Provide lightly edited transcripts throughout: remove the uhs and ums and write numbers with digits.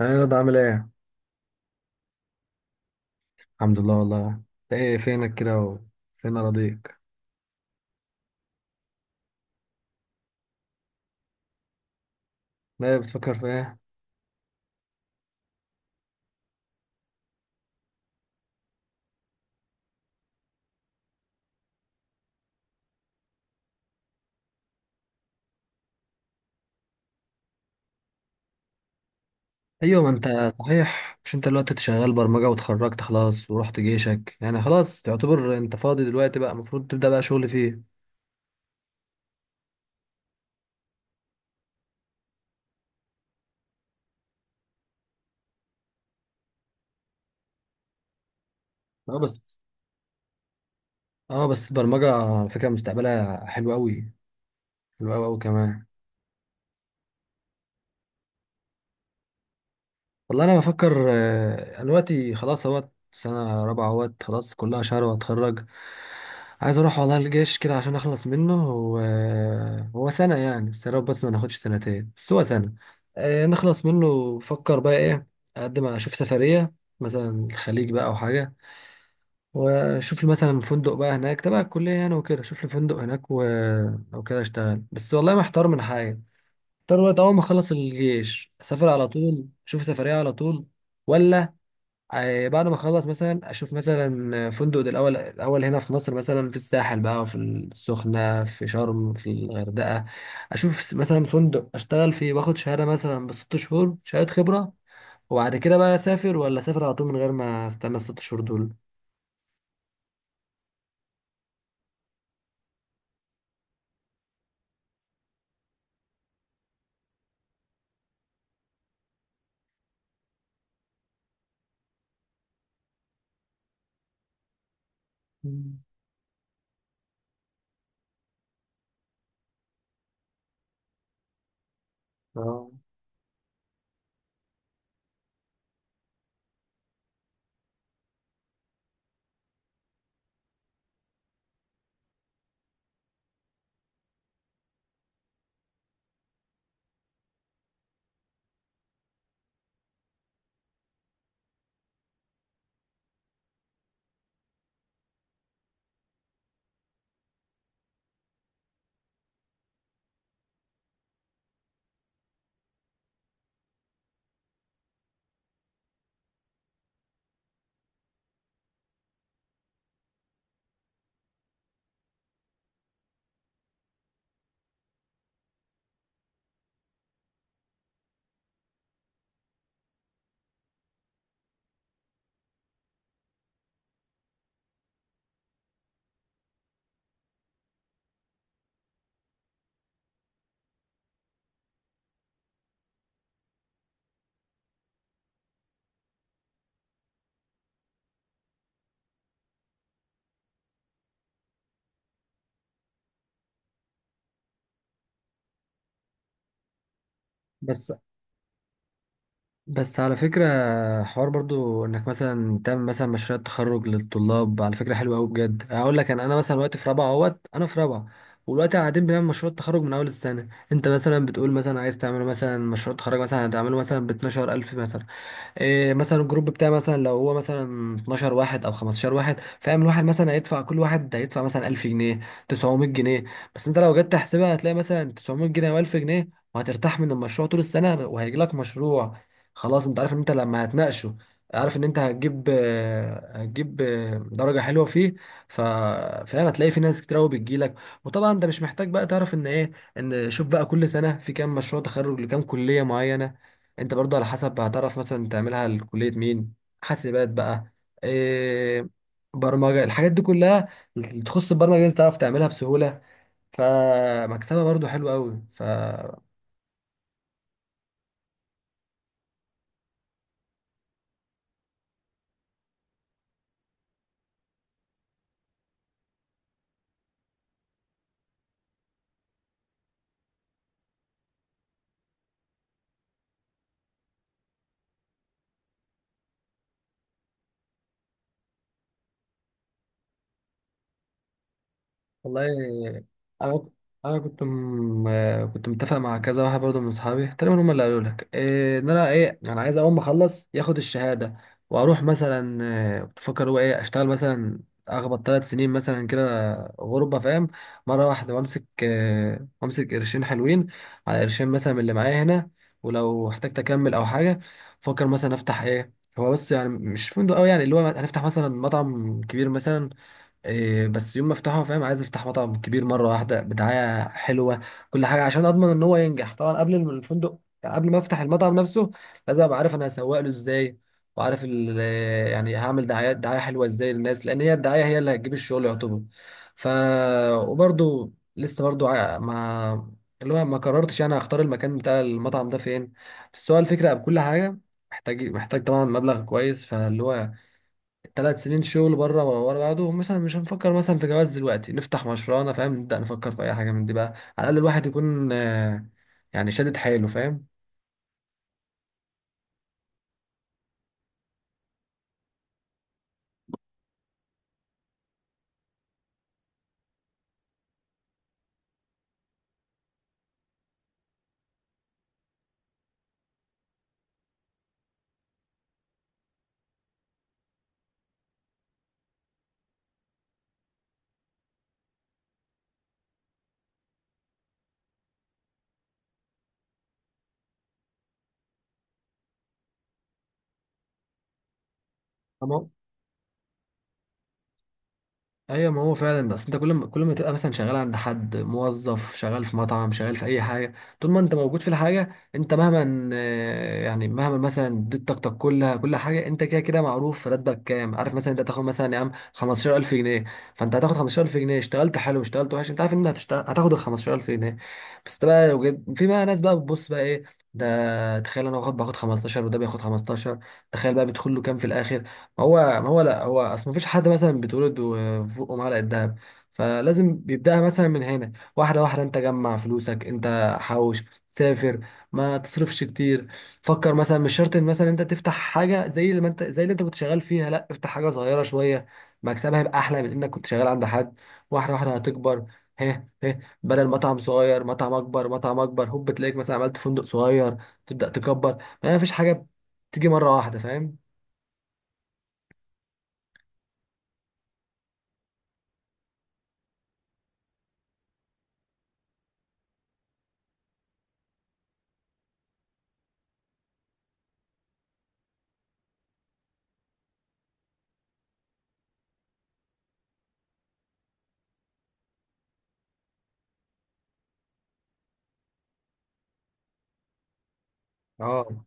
ايه رضا؟ عامل ايه؟ الحمد لله. والله انت ايه، فينك كده فين اراضيك؟ لا، بتفكر في ايه؟ ايوه، ما انت. صحيح، مش انت دلوقتي شغال برمجه واتخرجت خلاص ورحت جيشك، يعني خلاص تعتبر انت فاضي دلوقتي، بقى المفروض تبدا بقى شغل فيه. اه بس. اه بس البرمجه على فكره مستقبلها حلو قوي، حلو قوي قوي كمان. والله انا بفكر، انا دلوقتي خلاص اهوت سنه رابعه، اهوت خلاص كلها شهر واتخرج. عايز اروح والله الجيش كده عشان اخلص منه. هو سنه يعني، بس يا رب بس ما ناخدش سنتين، بس هو سنه. نخلص منه بفكر بقى ايه. اشوف سفريه مثلا، الخليج بقى او حاجه. واشوف لي مثلا فندق بقى هناك تبع الكليه يعني، وكده اشوف لي فندق هناك و... او كده اشتغل. بس والله محتار من حاجه، محتار وقت اول ما اخلص الجيش اسافر على طول اشوف سفريه على طول، ولا بعد ما اخلص مثلا اشوف مثلا فندق ده الاول، الاول هنا في مصر مثلا في الساحل بقى، في السخنه، في شرم، في الغردقه. اشوف مثلا فندق اشتغل فيه واخد شهاده مثلا بست شهور، شهاده خبره، وبعد كده بقى اسافر ولا اسافر على طول من غير ما استنى الست شهور دول. مم. اه بس. بس على فكرة، حوار برضو انك مثلا تعمل مثلا مشروع تخرج للطلاب على فكرة حلوة قوي بجد. اقول لك انا مثلا دلوقتي في رابعة اهوت، انا في رابعة ودلوقتي قاعدين بنعمل مشروع تخرج من اول السنة. انت مثلا بتقول مثلا عايز تعمل مثلا مشروع تخرج مثلا هتعمله مثلا ب 12000 مثلا، إيه مثلا الجروب بتاعي مثلا لو هو مثلا 12 واحد او 15 واحد، فاهم؟ الواحد مثلا هيدفع، كل واحد هيدفع مثلا 1000 جنيه، 900 جنيه. بس انت لو جيت تحسبها هتلاقي مثلا 900 جنيه او 1000 جنيه، وهترتاح من المشروع طول السنه وهيجي لك مشروع خلاص، انت عارف ان انت لما هتناقشه عارف ان انت هتجيب، هتجيب درجه حلوه فيه. ف- فاهم؟ هتلاقي في ناس كتير قوي بتجيلك. وطبعا انت مش محتاج بقى تعرف ان ايه، ان شوف بقى كل سنه في كام مشروع تخرج لكام كليه معينه. انت برضو على حسب هتعرف مثلا تعملها لكلية مين، حاسبات بقى، إيه، برمجة، الحاجات دي كلها اللي تخص البرمجة دي تعرف تعملها بسهولة، فمكسبها برضو حلو قوي. ف، والله انا، كنت متفق مع كذا واحد برضه من اصحابي تقريبا، هم اللي قالوا لك إيه، ان انا ايه، انا عايز اول ما اخلص ياخد الشهاده واروح مثلا، إيه، بفكر هو ايه اشتغل مثلا اخبط ثلاث سنين مثلا كده، غربه، فاهم؟ مره واحده وامسك، إيه، وامسك قرشين حلوين، على قرشين مثلا من اللي معايا هنا. ولو احتجت اكمل او حاجه، فكر مثلا افتح ايه. هو بس يعني مش فندق قوي، يعني اللي هو هنفتح مثلا مطعم كبير مثلا، إيه بس، يوم ما افتحه فاهم، عايز افتح مطعم كبير مره واحده بدعايه حلوه، كل حاجه عشان اضمن ان هو ينجح. طبعا قبل الفندق، يعني قبل ما افتح المطعم نفسه، لازم ابقى عارف انا هسوق له ازاي، وعارف يعني هعمل دعايه، دعايه حلوه ازاي للناس، لان هي الدعايه هي اللي هتجيب الشغل يعتبر. ف، وبرده لسه برده ما، اللي هو ما قررتش انا هختار المكان بتاع المطعم ده فين. بس هو الفكره بكل حاجه، محتاج، طبعا مبلغ كويس. فاللي هو ثلاث سنين شغل بره ورا بعضهم مثلا، مش هنفكر مثلا في جواز دلوقتي، نفتح مشروعنا فاهم، نبدأ نفكر في اي حاجه من دي بقى، على الاقل الواحد يكون يعني شادد حيله، فاهم؟ ايوه، ما هو فعلا. بس انت كل ما تبقى مثلا شغال عند حد موظف، شغال في مطعم، شغال في اي حاجه، طول ما انت موجود في الحاجه انت مهما، يعني مهما مثلا اديت طاقتك كلها كل حاجه، انت كده كده معروف راتبك كام، عارف مثلا انت هتاخد مثلا يا عم 15000 جنيه، فانت هتاخد 15000 جنيه. اشتغلت حلو، اشتغلت وحش، انت عارف ان هتشتغل هتاخد ال 15000 جنيه. بس ده بقى لو في بقى ناس بقى بتبص بقى ايه، ده تخيل انا باخد، 15 وده بياخد 15، تخيل بقى بيدخل له كام في الاخر. هو ما هو لا، هو اصل مفيش حد مثلا بيتولد وفوقه معلقه دهب، فلازم بيبداها مثلا من هنا واحده واحده. انت جمع فلوسك، انت حوش، سافر، ما تصرفش كتير. فكر مثلا، مش شرط ان مثلا انت تفتح حاجه زي اللي ما انت زي اللي انت كنت شغال فيها، لا افتح حاجه صغيره شويه مكسبها يبقى احلى من انك كنت شغال عند حد، واحده واحده هتكبر. هه هه، بدل مطعم صغير مطعم اكبر، مطعم اكبر، هوب تلاقيك مثلا عملت فندق صغير، تبدا تكبر. ما فيش حاجه بتيجي مره واحده، فاهم؟ اه.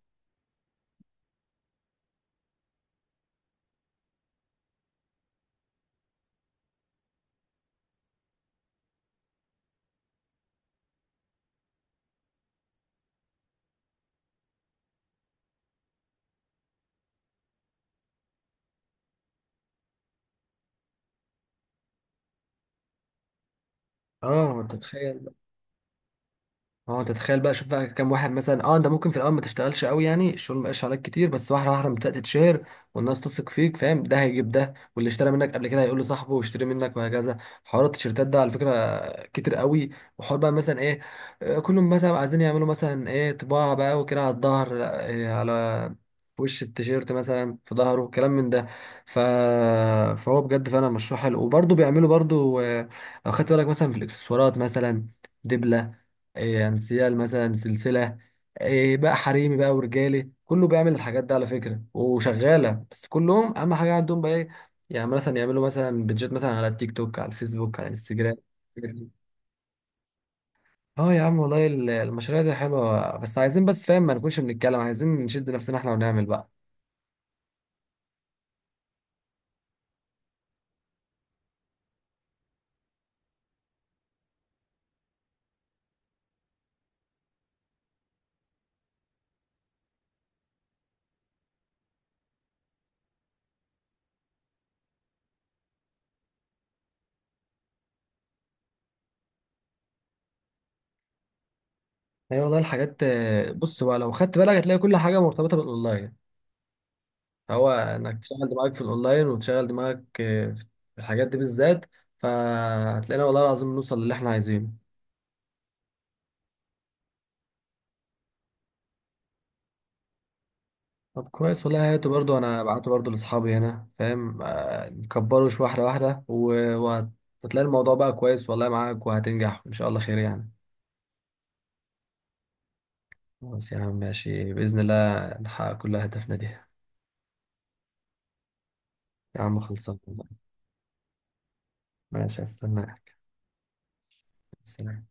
اه انت تتخيل اه انت تتخيل بقى، شوف بقى كام واحد مثلا. اه، انت ممكن في الاول ما تشتغلش قوي، يعني الشغل ما بقاش عليك كتير، بس واحده واحده لما بدات تتشهر والناس تثق فيك فاهم، ده هيجيب ده، واللي اشترى منك قبل كده هيقول لصاحبه واشتري منك، وهكذا. حوار التيشيرتات ده على فكره كتير قوي، وحوار بقى مثلا ايه، كلهم مثلا عايزين يعملوا مثلا ايه، طباعة بقى وكده على الظهر، لا، إيه، على وش التيشيرت مثلا في ظهره كلام من ده. ف... فهو بجد فعلا مشروع حلو. وبرضه بيعملوا برضه لو خدت بالك مثلا في الاكسسوارات مثلا، دبلة، إيه انسيال، مثلا سلسلة، إيه بقى حريمي بقى ورجالي، كله بيعمل الحاجات دي على فكرة وشغالة. بس كلهم أهم حاجة عندهم بقى إيه، يعني مثلا يعملوا مثلا بيدجيت مثلا على التيك توك، على الفيسبوك، على الانستجرام. اه يا عم والله، المشاريع دي حلوه بس عايزين، بس فاهم ما نكونش بنتكلم، عايزين نشد نفسنا احنا ونعمل بقى. هي والله الحاجات بص بقى، لو خدت بالك هتلاقي كل حاجه مرتبطه بالاونلاين. هو انك تشغل دماغك في الاونلاين وتشغل دماغك في الحاجات دي بالذات، فهتلاقينا والله العظيم نوصل للي احنا عايزينه. طب كويس والله، هاته برضو، انا بعته برضو لاصحابي هنا فاهم، نكبره شويه واحده واحده وهتلاقي الموضوع بقى كويس والله معاك، وهتنجح ان شاء الله خير يعني. خلاص يا عم، ماشي بإذن الله نحقق كل أهدافنا دي يا عم. خلصان والله. ماشي، هستناك. سلام.